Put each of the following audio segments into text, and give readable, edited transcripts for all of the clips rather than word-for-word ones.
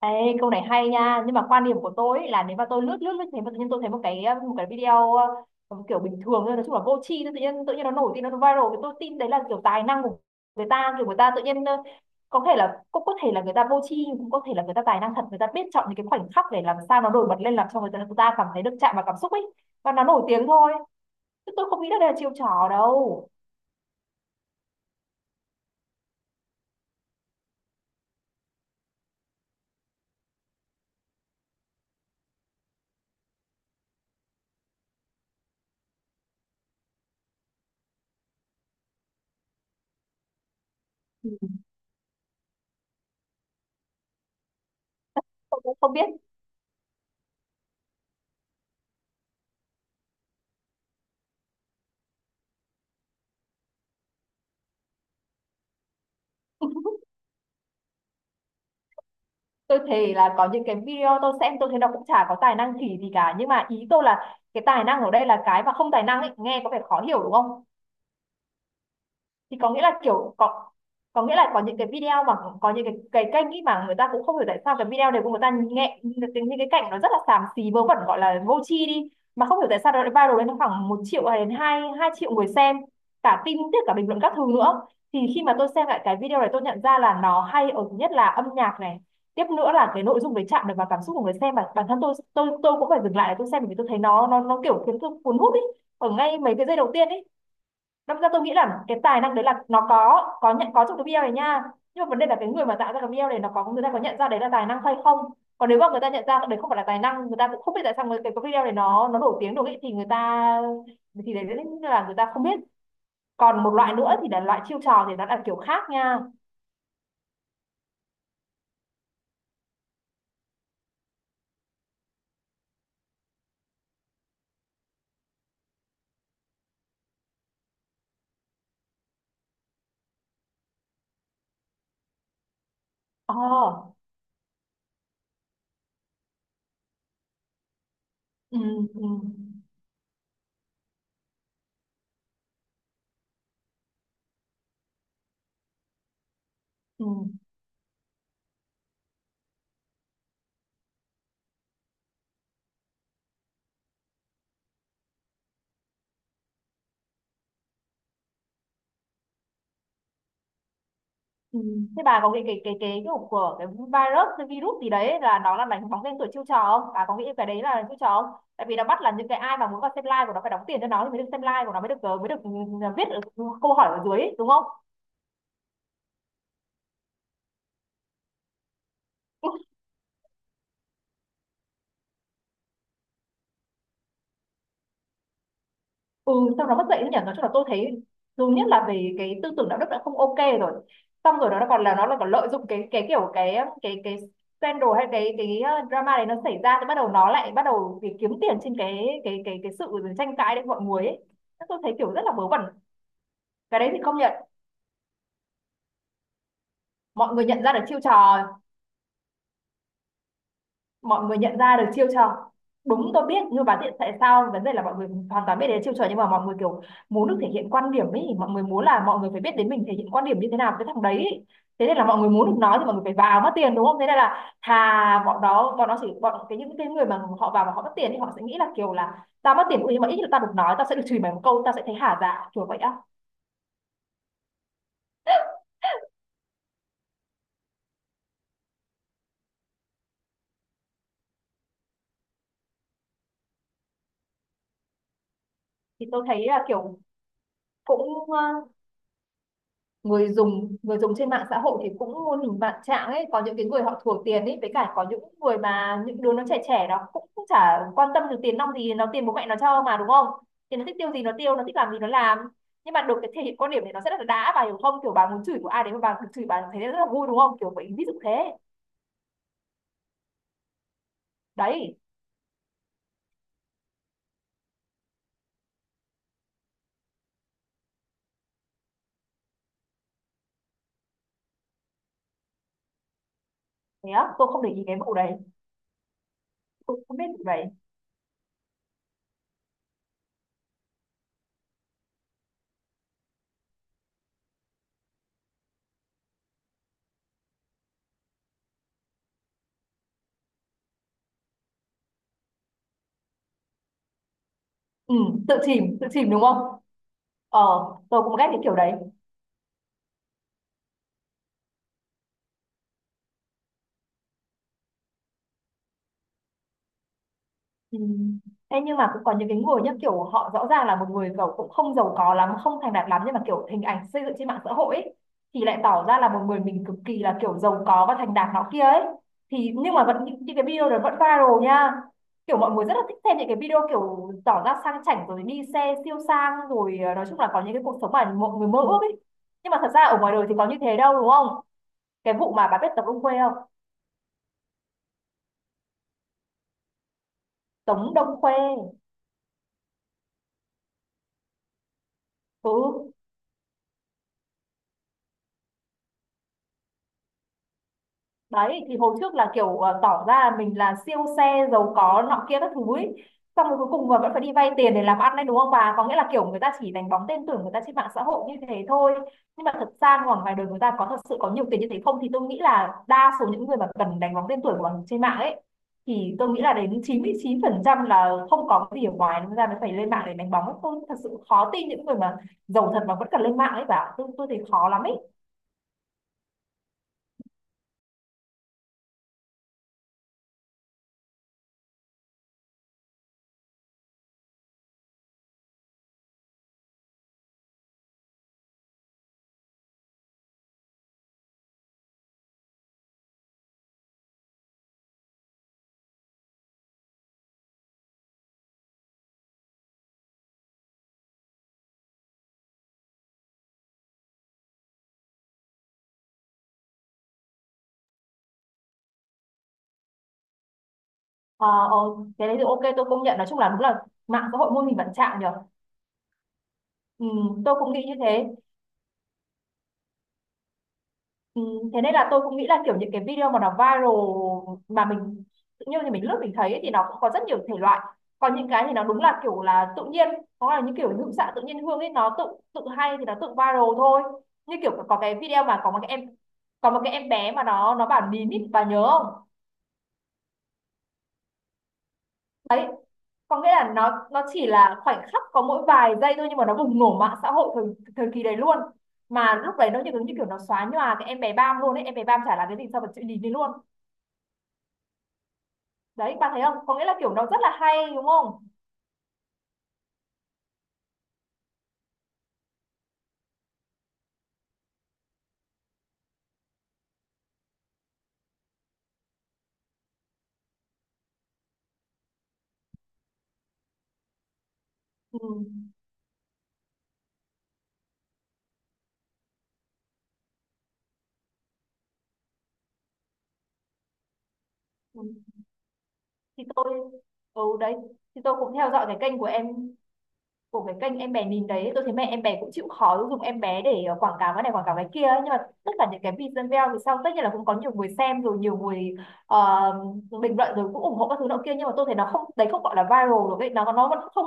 Ê, câu này hay nha, nhưng mà quan điểm của tôi ấy là nếu mà tôi lướt lướt lướt thấy mà tự nhiên tôi thấy một cái một cái video kiểu bình thường thôi, nói chung là vô tri thôi, tự nhiên nó nổi tin, nó viral thì tôi tin đấy là kiểu tài năng của người ta. Kiểu người ta tự nhiên có thể là, cũng có thể là người ta vô tri, cũng có thể là người ta tài năng thật, người ta biết chọn những cái khoảnh khắc để làm sao nó nổi bật lên, làm cho người ta cảm thấy được chạm vào cảm xúc ấy, và nó nổi tiếng thôi, chứ tôi không nghĩ là đây là chiêu trò đâu. Ừ. Tôi cũng không biết. Tôi thấy là có những cái video tôi xem tôi thấy nó cũng chả có tài năng khỉ gì cả, nhưng mà ý tôi là cái tài năng ở đây là cái mà không tài năng ấy, nghe có vẻ khó hiểu đúng không? Thì có nghĩa là kiểu có nghĩa là có những cái video mà có những cái kênh ý mà người ta cũng không hiểu tại sao cái video này của người ta, nghe những cái cảnh nó rất là xàm xí vớ vẩn, gọi là vô tri đi, mà không hiểu tại sao nó lại viral lên khoảng một triệu hay đến hai hai triệu người xem, cả tin tức cả bình luận các thứ nữa. Thì khi mà tôi xem lại cái video này, tôi nhận ra là nó hay ở thứ nhất là âm nhạc này, tiếp nữa là cái nội dung đấy chạm được vào cảm xúc của người xem, và bản thân tôi tôi cũng phải dừng lại để tôi xem, bởi vì tôi thấy nó kiểu khiến tôi cuốn hút ý, ở ngay mấy cái giây đầu tiên ý. Đâm ra tôi nghĩ là cái tài năng đấy là nó có trong cái BL này nha, nhưng mà vấn đề là cái người mà tạo ra cái BL này nó có, người ta có nhận ra đấy là tài năng hay không. Còn nếu mà người ta nhận ra đấy không phải là tài năng, người ta cũng không biết tại sao cái video này nó nổi tiếng được ấy, thì người ta, thì đấy là người ta không biết. Còn một loại nữa thì là loại chiêu trò, thì nó là kiểu khác nha. Ờ. Ừ, ừ, ừ. Ừ. Thế bà có cái kiểu của cái virus, cái virus gì đấy là nó là đánh bóng tên tuổi, chiêu trò không? Bà có nghĩ cái đấy là chiêu trò không? Tại vì nó bắt là những cái ai mà muốn vào xem live của nó phải đóng tiền cho nó thì mới được xem live của nó, mới được mới được viết ở câu hỏi ở dưới ấy, đúng không? Ừ, sau đó mất dạy đấy nhỉ. Nói chung là tôi thấy, dù nhất là về cái tư tưởng đạo đức đã không ok rồi, xong rồi nó còn là, nó là còn lợi dụng cái kiểu cái scandal hay cái drama này nó xảy ra, thì bắt đầu nó lại bắt đầu vì kiếm tiền trên cái sự tranh cãi đấy của mọi người ấy. Thế tôi thấy kiểu rất là vớ vẩn. Cái đấy thì công nhận. Mọi người nhận ra được chiêu trò. Mọi người nhận ra được chiêu trò, đúng, tôi biết. Nhưng mà tại, tại sao, vấn đề là mọi người hoàn toàn biết đến chiêu trò, nhưng mà mọi người kiểu muốn được thể hiện quan điểm ấy, mọi người muốn là mọi người phải biết đến mình thể hiện quan điểm như thế nào với thằng đấy ấy. Thế nên là mọi người muốn được nói thì mọi người phải vào mất tiền, đúng không? Thế nên là thà bọn đó, bọn nó chỉ bọn cái những cái người mà họ vào mà họ mất tiền thì họ sẽ nghĩ là kiểu là tao mất tiền ui, nhưng mà ít nhất là tao được nói, tao sẽ được chửi mày một câu, tao sẽ thấy hả dạ, kiểu vậy á. Thì tôi thấy là kiểu cũng người dùng trên mạng xã hội thì cũng muôn hình vạn trạng ấy, có những cái người họ thua tiền ấy, với cả có những người mà những đứa nó trẻ trẻ nó cũng, cũng chả quan tâm được tiền nong gì, nó tiền bố mẹ nó cho mà đúng không, thì nó thích tiêu gì nó tiêu, nó thích làm gì nó làm. Nhưng mà được cái thể hiện quan điểm này nó rất là đã, bà hiểu không? Kiểu bà muốn chửi của ai đấy mà bà được chửi bà thấy rất là vui, đúng không? Kiểu vậy, ví dụ thế. Đấy. Thế á, tôi không để ý cái vụ đấy. Tôi không biết vụ đấy. Ừ, tự chìm đúng không? Ờ, tôi cũng ghét cái kiểu đấy. Ừ. Ê, nhưng mà cũng có những cái người nhá, kiểu họ rõ ràng là một người giàu, cũng không giàu có lắm, không thành đạt lắm, nhưng mà kiểu hình ảnh xây dựng trên mạng xã hội ấy, thì lại tỏ ra là một người mình cực kỳ là kiểu giàu có và thành đạt nó kia ấy. Thì nhưng mà vẫn những cái video đó vẫn viral nha. Kiểu mọi người rất là thích xem những cái video kiểu tỏ ra sang chảnh, rồi đi xe siêu sang, rồi nói chung là có những cái cuộc sống mà mọi người mơ ước ấy. Nhưng mà thật ra ở ngoài đời thì có như thế đâu, đúng không? Cái vụ mà bà biết Tống Đông Khuê không? Tống Đông Khuê. Ừ, đấy, thì hồi trước là kiểu tỏ ra mình là siêu xe, giàu có nọ kia các thứ ấy, xong rồi cuối cùng mà vẫn phải đi vay tiền để làm ăn đấy, đúng không? Bà có nghĩa là kiểu người ta chỉ đánh bóng tên tưởng người ta trên mạng xã hội như thế thôi, nhưng mà thật ra ngoài ngoài đời người ta có thật sự có nhiều tiền như thế không? Thì tôi nghĩ là đa số những người mà cần đánh bóng tên tuổi của mình trên mạng ấy, thì tôi nghĩ là đến 99% là không có cái gì ở ngoài, nên ra mới phải lên mạng để đánh bóng ấy. Tôi thật sự khó tin những người mà giàu thật mà vẫn cần lên mạng ấy bà, tôi thấy khó lắm ấy. Ờ, ờ, cái đấy thì ok, tôi công nhận. Nói chung là đúng là mạng xã hội muôn hình vạn trạng nhở. Ừ, tôi cũng nghĩ như thế. Ừ, thế nên là tôi cũng nghĩ là kiểu những cái video mà nó viral mà mình tự nhiên thì mình lướt mình thấy ấy, thì nó cũng có rất nhiều thể loại. Còn những cái thì nó đúng là kiểu là tự nhiên, có là những kiểu hữu xạ tự nhiên hương ấy, nó tự tự hay thì nó tự viral thôi. Như kiểu có cái video mà có một cái em, có một cái em bé mà nó bảo nín ý, bà nhớ không? Đấy, có nghĩa là nó chỉ là khoảnh khắc có mỗi vài giây thôi, nhưng mà nó bùng nổ mạng xã hội thời kỳ đấy luôn, mà lúc đấy nó như kiểu nó xóa nhòa cái em bé Bam luôn ấy, em bé Bam chả là cái gì so với chuyện nhìn đi luôn. Đấy, bạn thấy không, có nghĩa là kiểu nó rất là hay đúng không? Ừ. Ừ. Thì tôi, ừ đấy, thì tôi cũng theo dõi cái kênh của em, của cái kênh em bé nhìn đấy, tôi thấy mẹ em bé cũng chịu khó dùng em bé để quảng cáo cái này, quảng cáo cái kia ấy. Nhưng mà tất cả những cái video thì sau tất nhiên là cũng có nhiều người xem rồi, nhiều người ờ, bình luận rồi cũng ủng hộ các thứ nọ kia, nhưng mà tôi thấy nó không, đấy không gọi là viral được ấy, nó vẫn không,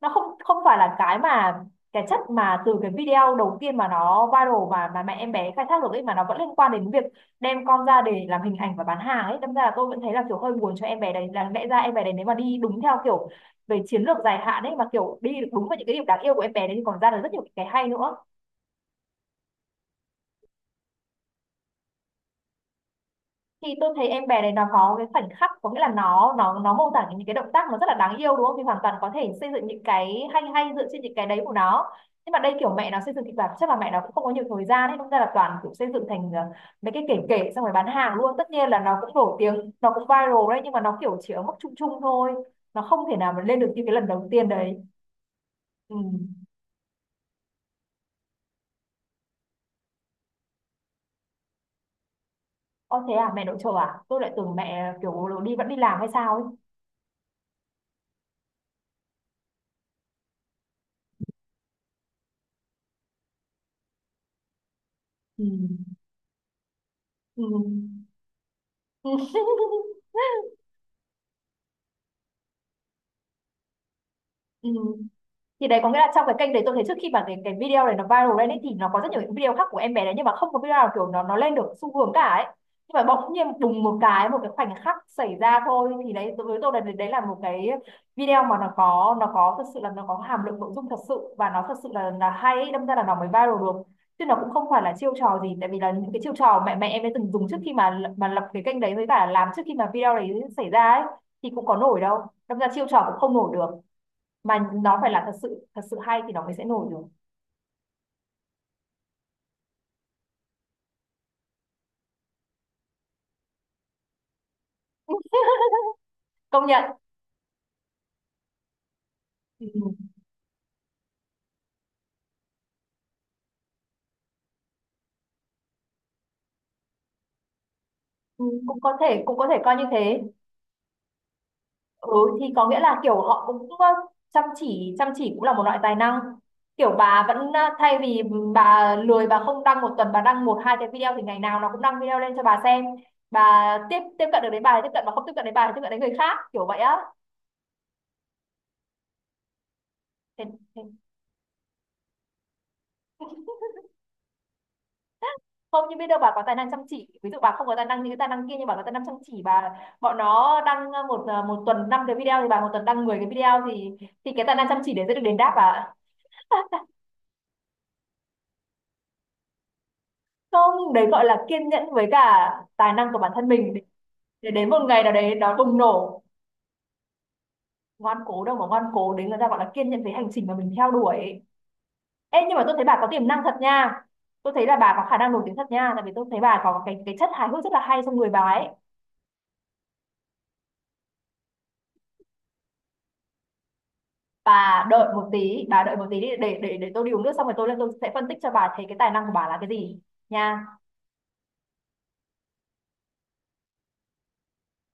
nó không không phải là cái mà cái chất mà từ cái video đầu tiên mà nó viral mà mẹ em bé khai thác được ấy, mà nó vẫn liên quan đến việc đem con ra để làm hình ảnh và bán hàng ấy. Đâm ra là tôi vẫn thấy là kiểu hơi buồn cho em bé đấy, là lẽ ra em bé đấy nếu mà đi đúng theo kiểu về chiến lược dài hạn ấy, mà kiểu đi được đúng vào những cái điểm đáng yêu của em bé đấy thì còn ra được rất nhiều cái hay nữa. Thì tôi thấy em bé này nó có cái khoảnh khắc, có nghĩa là nó mô tả những cái động tác nó rất là đáng yêu đúng không, thì hoàn toàn có thể xây dựng những cái hay hay dựa trên những cái đấy của nó. Nhưng mà đây kiểu mẹ nó xây dựng kịch bản, chắc là mẹ nó cũng không có nhiều thời gian ấy, nên ra là toàn kiểu xây dựng thành mấy cái kể kể xong rồi bán hàng luôn. Tất nhiên là nó cũng nổi tiếng, nó cũng viral đấy, nhưng mà nó kiểu chỉ ở mức chung chung thôi, nó không thể nào mà lên được như cái lần đầu tiên đấy. Ừ. Ơ thế à, mẹ nội trợ à? Tôi lại tưởng mẹ kiểu đi vẫn đi làm hay sao ấy. Ừ. Ừ. Ừ. Thì đấy có nghĩa là trong cái kênh đấy tôi thấy trước khi mà cái video này nó viral lên ấy, thì nó có rất nhiều những video khác của em bé đấy, nhưng mà không có video nào kiểu nó lên được xu hướng cả ấy. Nhưng mà bỗng nhiên đùng một cái, một cái khoảnh khắc xảy ra thôi, thì đấy đối với tôi là đấy là một cái video mà nó có, nó có thật sự là nó có hàm lượng nội dung thật sự, và nó thật sự là hay ấy, đâm ra là nó mới viral được. Chứ nó cũng không phải là chiêu trò gì, tại vì là những cái chiêu trò mẹ mẹ em ấy từng dùng trước khi mà lập cái kênh đấy với cả làm trước khi mà video đấy xảy ra ấy thì cũng có nổi đâu, đâm ra chiêu trò cũng không nổi được, mà nó phải là thật sự hay thì nó mới sẽ nổi được. Công nhận. Ừ. Ừ, cũng có thể, cũng có thể coi như thế. Ừ, thì có nghĩa là kiểu họ cũng chăm chỉ, chăm chỉ cũng là một loại tài năng. Kiểu bà vẫn thay vì bà lười bà không đăng, một tuần bà đăng một hai cái video, thì ngày nào nó cũng đăng video lên cho bà xem. Bà tiếp tiếp cận được đến bà thì tiếp cận, mà không tiếp cận đến bà thì tiếp cận đến người khác kiểu vậy á. Thế, thế không, nhưng biết đâu bà có tài năng chăm chỉ, ví dụ bà không có tài năng như cái tài năng kia nhưng bà có tài năng chăm chỉ. Bà bọn nó đăng một một tuần 5 cái video thì bà một tuần đăng 10 cái video thì cái tài năng chăm chỉ đấy sẽ được đền đáp bà ạ. Không đấy gọi là kiên nhẫn với cả tài năng của bản thân mình, để đến một ngày nào đấy nó bùng nổ. Ngoan cố đâu mà ngoan cố, đấy người ta gọi là kiên nhẫn với hành trình mà mình theo đuổi. Ê, nhưng mà tôi thấy bà có tiềm năng thật nha, tôi thấy là bà có khả năng nổi tiếng thật nha, tại vì tôi thấy bà có cái chất hài hước rất là hay trong người bà ấy. Bà đợi một tí, bà đợi một tí đi, để tôi đi uống nước xong rồi tôi lên tôi sẽ phân tích cho bà thấy cái tài năng của bà là cái gì nha.